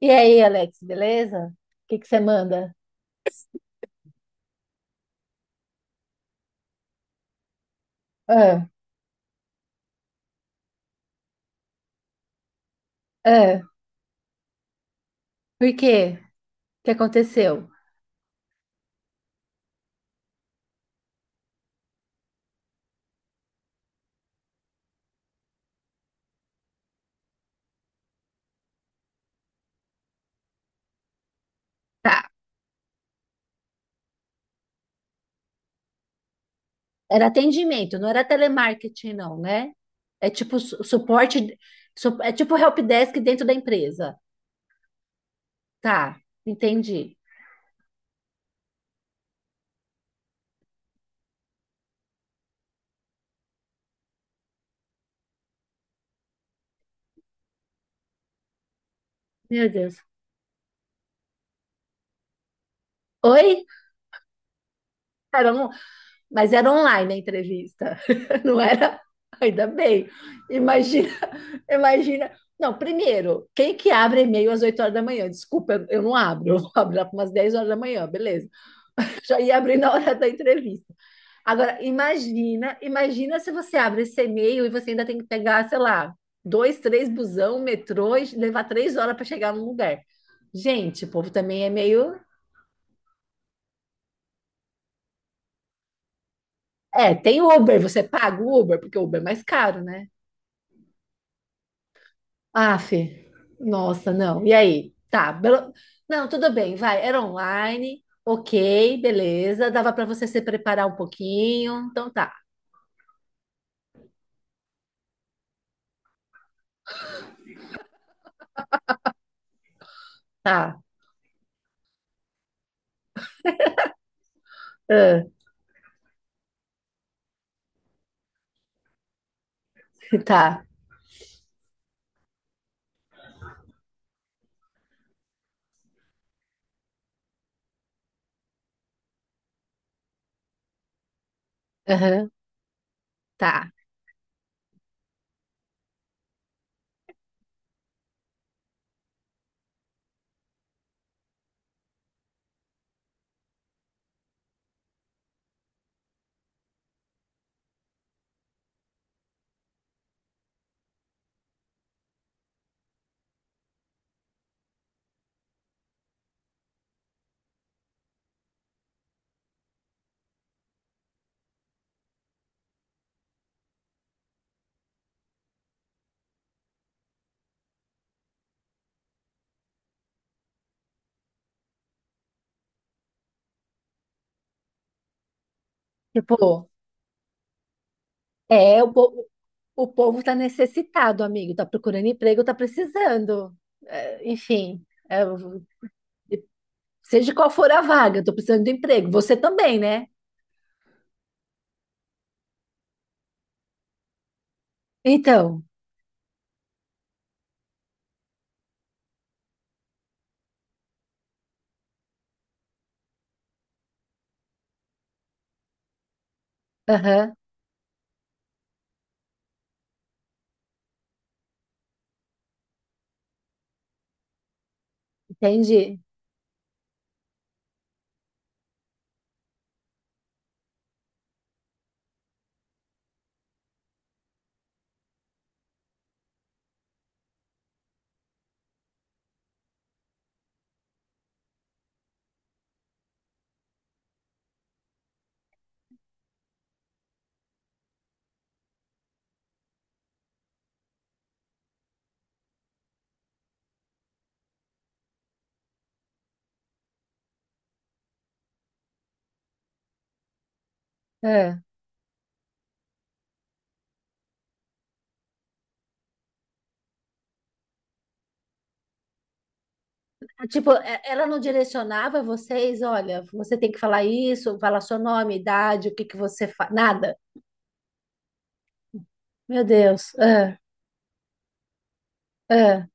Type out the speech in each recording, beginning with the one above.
E aí, Alex, beleza? O que que você manda? Ah, ah, por quê? O que aconteceu? Tá, era atendimento, não era telemarketing, não, né? É tipo suporte, é tipo help desk dentro da empresa. Tá, entendi. Meu Deus. Oi? Era um, mas era online a entrevista, não era? Ainda bem. Imagina, imagina. Não, primeiro, quem que abre e-mail às 8 horas da manhã? Desculpa, eu não abro. Eu vou abrir lá para umas 10 horas da manhã, beleza. Já ia abrir na hora da entrevista. Agora, imagina, imagina se você abre esse e-mail e você ainda tem que pegar, sei lá, dois, três busão, metrô e levar 3 horas para chegar num lugar. Gente, o povo também é meio. É, tem Uber, você paga o Uber, porque o Uber é mais caro, né? Ah, Fê, nossa, não. E aí? Tá, não, tudo bem, vai, era online, ok, beleza, dava para você se preparar um pouquinho, então tá, tá, ah, tá, aham, tá. Tipo, é, o povo tá necessitado, amigo, tá procurando emprego, tá precisando. É, enfim, é, seja qual for a vaga, eu tô precisando de emprego. Você também, né? Então, aham, entendi. É. É, tipo, ela não direcionava vocês, olha, você tem que falar isso, falar seu nome, idade, o que que você faz, nada. Meu Deus, ah, ah,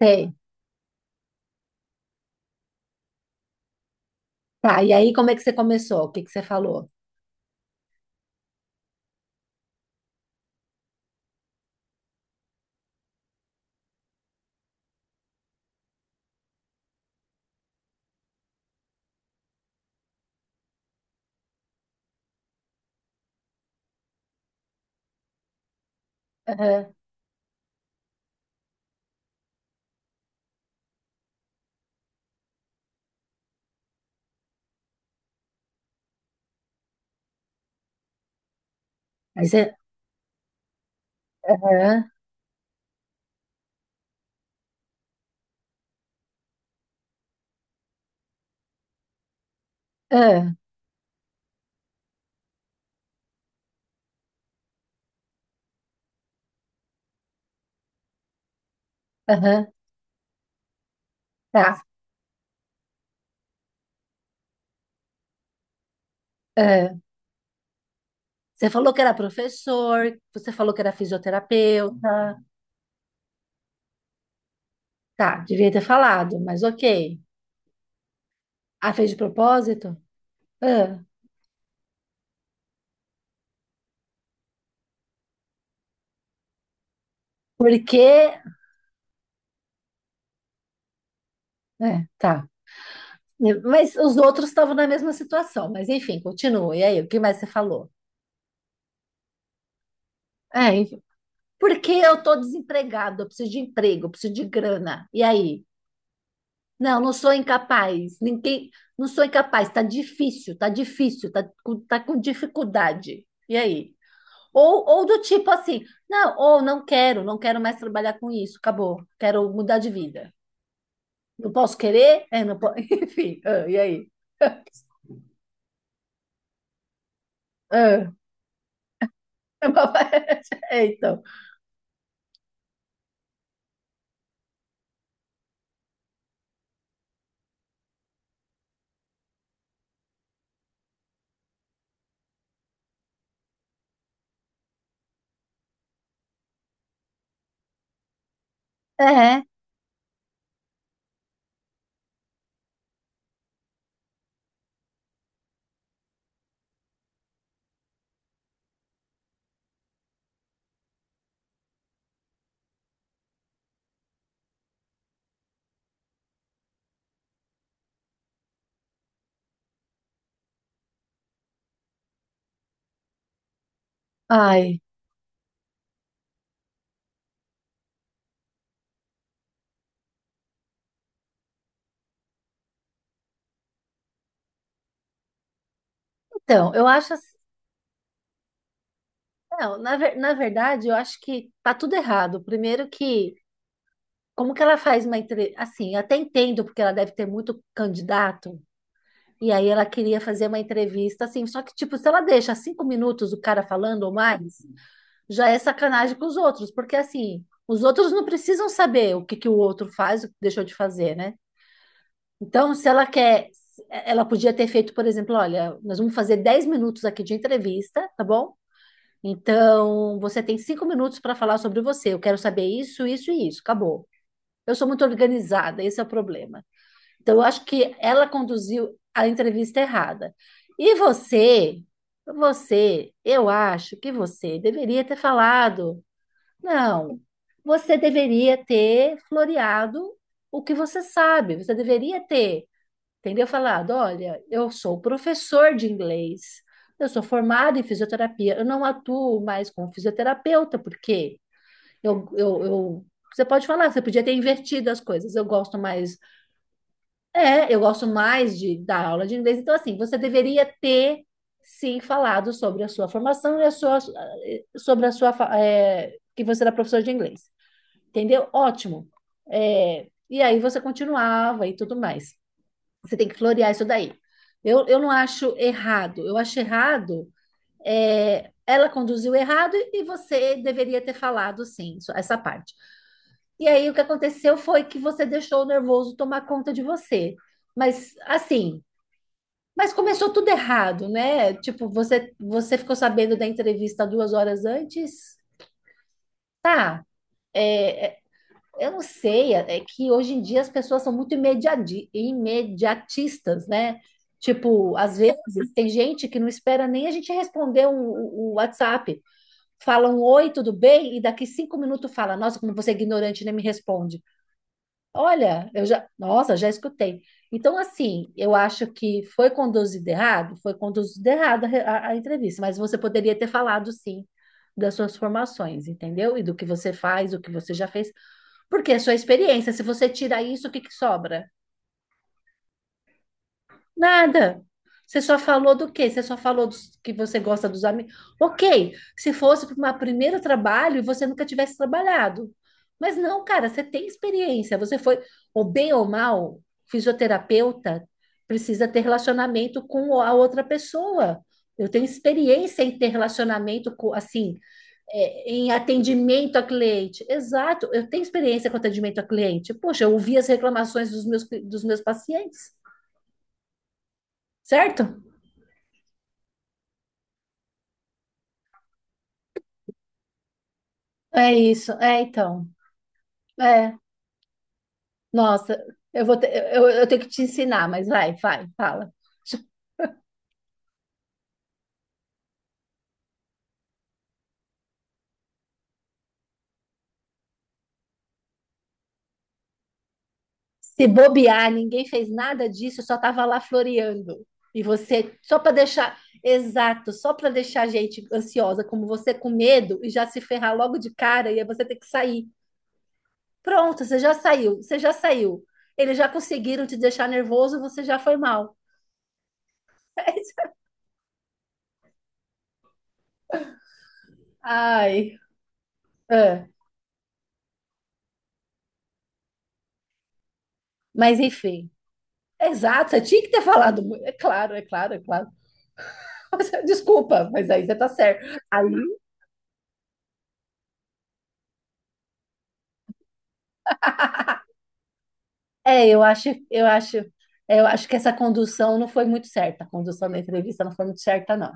sei. Tá, e aí como é que você começou? O que que você falou? Aham, aí você, aham, ah, aham, tá. É, você falou que era professor, você falou que era fisioterapeuta. Tá, devia ter falado, mas ok. Ah, fez de propósito? Ah, porque. É, tá. Mas os outros estavam na mesma situação, mas enfim, continua. E aí, o que mais você falou? É, enfim. Porque eu tô desempregado, eu preciso de emprego, eu preciso de grana. E aí? Não, não sou incapaz. Ninguém. Não sou incapaz, tá difícil, tá difícil, tá, tá com dificuldade. E aí? Ou do tipo assim, não, ou não quero, não quero mais trabalhar com isso, acabou, quero mudar de vida. Não posso querer? É, não posso. Enfim, ah, e aí? Ah, é uma variedade. É, então. É, ai. Então, eu acho assim, não, na verdade, eu acho que tá tudo errado. Primeiro que, como que ela faz uma entrevista? Assim, eu até entendo, porque ela deve ter muito candidato, e aí ela queria fazer uma entrevista, assim, só que, tipo, se ela deixa 5 minutos o cara falando ou mais. Já é sacanagem com os outros, porque assim, os outros não precisam saber o que, que o outro faz, o que deixou de fazer, né? Então, se ela quer, ela podia ter feito, por exemplo, olha, nós vamos fazer 10 minutos aqui de entrevista, tá bom? Então, você tem 5 minutos para falar sobre você. Eu quero saber isso, isso e isso. Acabou. Eu sou muito organizada, esse é o problema. Então, eu acho que ela conduziu a entrevista errada. E você, eu acho que você deveria ter falado não, você deveria ter floreado o que você sabe, você deveria ter, entendeu? Falado, olha, eu sou professor de inglês, eu sou formado em fisioterapia, eu não atuo mais como fisioterapeuta, porque eu, eu, eu- você pode falar, você podia ter invertido as coisas, eu gosto mais, é, eu gosto mais de dar aula de inglês, então assim, você deveria ter, sim, falado sobre a sua formação e a sua, sobre a sua, é, que você era professor de inglês, entendeu? Ótimo. É, e aí você continuava e tudo mais. Você tem que florear isso daí. Eu não acho errado. Eu acho errado. É, ela conduziu errado e você deveria ter falado sim, essa parte. E aí o que aconteceu foi que você deixou o nervoso tomar conta de você. Mas assim, mas começou tudo errado, né? Tipo, você ficou sabendo da entrevista 2 horas antes? Tá. É, eu não sei, é que hoje em dia as pessoas são muito imediatistas, né? Tipo, às vezes tem gente que não espera nem a gente responder o um WhatsApp. Falam oi, tudo bem? E daqui 5 minutos fala, nossa, como você é ignorante, nem me responde. Olha, eu já, nossa, já escutei. Então, assim, eu acho que foi conduzido errado a, re- a entrevista, mas você poderia ter falado sim das suas formações, entendeu? E do que você faz, o que você já fez. Porque é sua experiência. Se você tirar isso, o que que sobra? Nada. Você só falou do quê? Você só falou que você gosta dos amigos. Ok, se fosse para um primeiro trabalho e você nunca tivesse trabalhado. Mas não, cara, você tem experiência. Você foi, ou bem ou mal, fisioterapeuta, precisa ter relacionamento com a outra pessoa. Eu tenho experiência em ter relacionamento com, assim, é, em atendimento a cliente. Exato, eu tenho experiência com atendimento a cliente. Poxa, eu ouvi as reclamações dos meus, dos meus pacientes, certo? É isso, é então. É, nossa, eu vou ter, eu tenho que te ensinar, mas vai, vai, fala. Se bobear, ninguém fez nada disso, só estava lá floreando. E você, só para deixar, exato, só para deixar a gente ansiosa, como você com medo e já se ferrar logo de cara, e aí você ter que sair. Pronto, você já saiu, você já saiu. Eles já conseguiram te deixar nervoso, você já foi mal. Ai, é. Mas enfim. Exato, você tinha que ter falado. É claro, é claro, é claro. Desculpa, mas aí você tá certo. Aí, é, eu acho que essa condução não foi muito certa. A condução da entrevista não foi muito certa, não.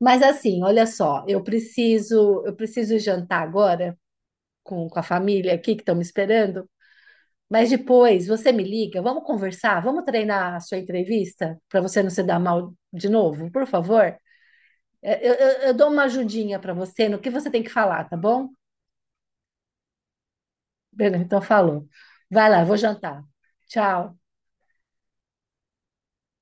Mas assim, olha só, eu preciso jantar agora com a família aqui que estão me esperando. Mas depois você me liga, vamos conversar, vamos treinar a sua entrevista para você não se dar mal de novo, por favor. É, Eu dou uma ajudinha para você no que você tem que falar, tá bom? Beleza, então falou. Vai lá, eu vou jantar. Tchau.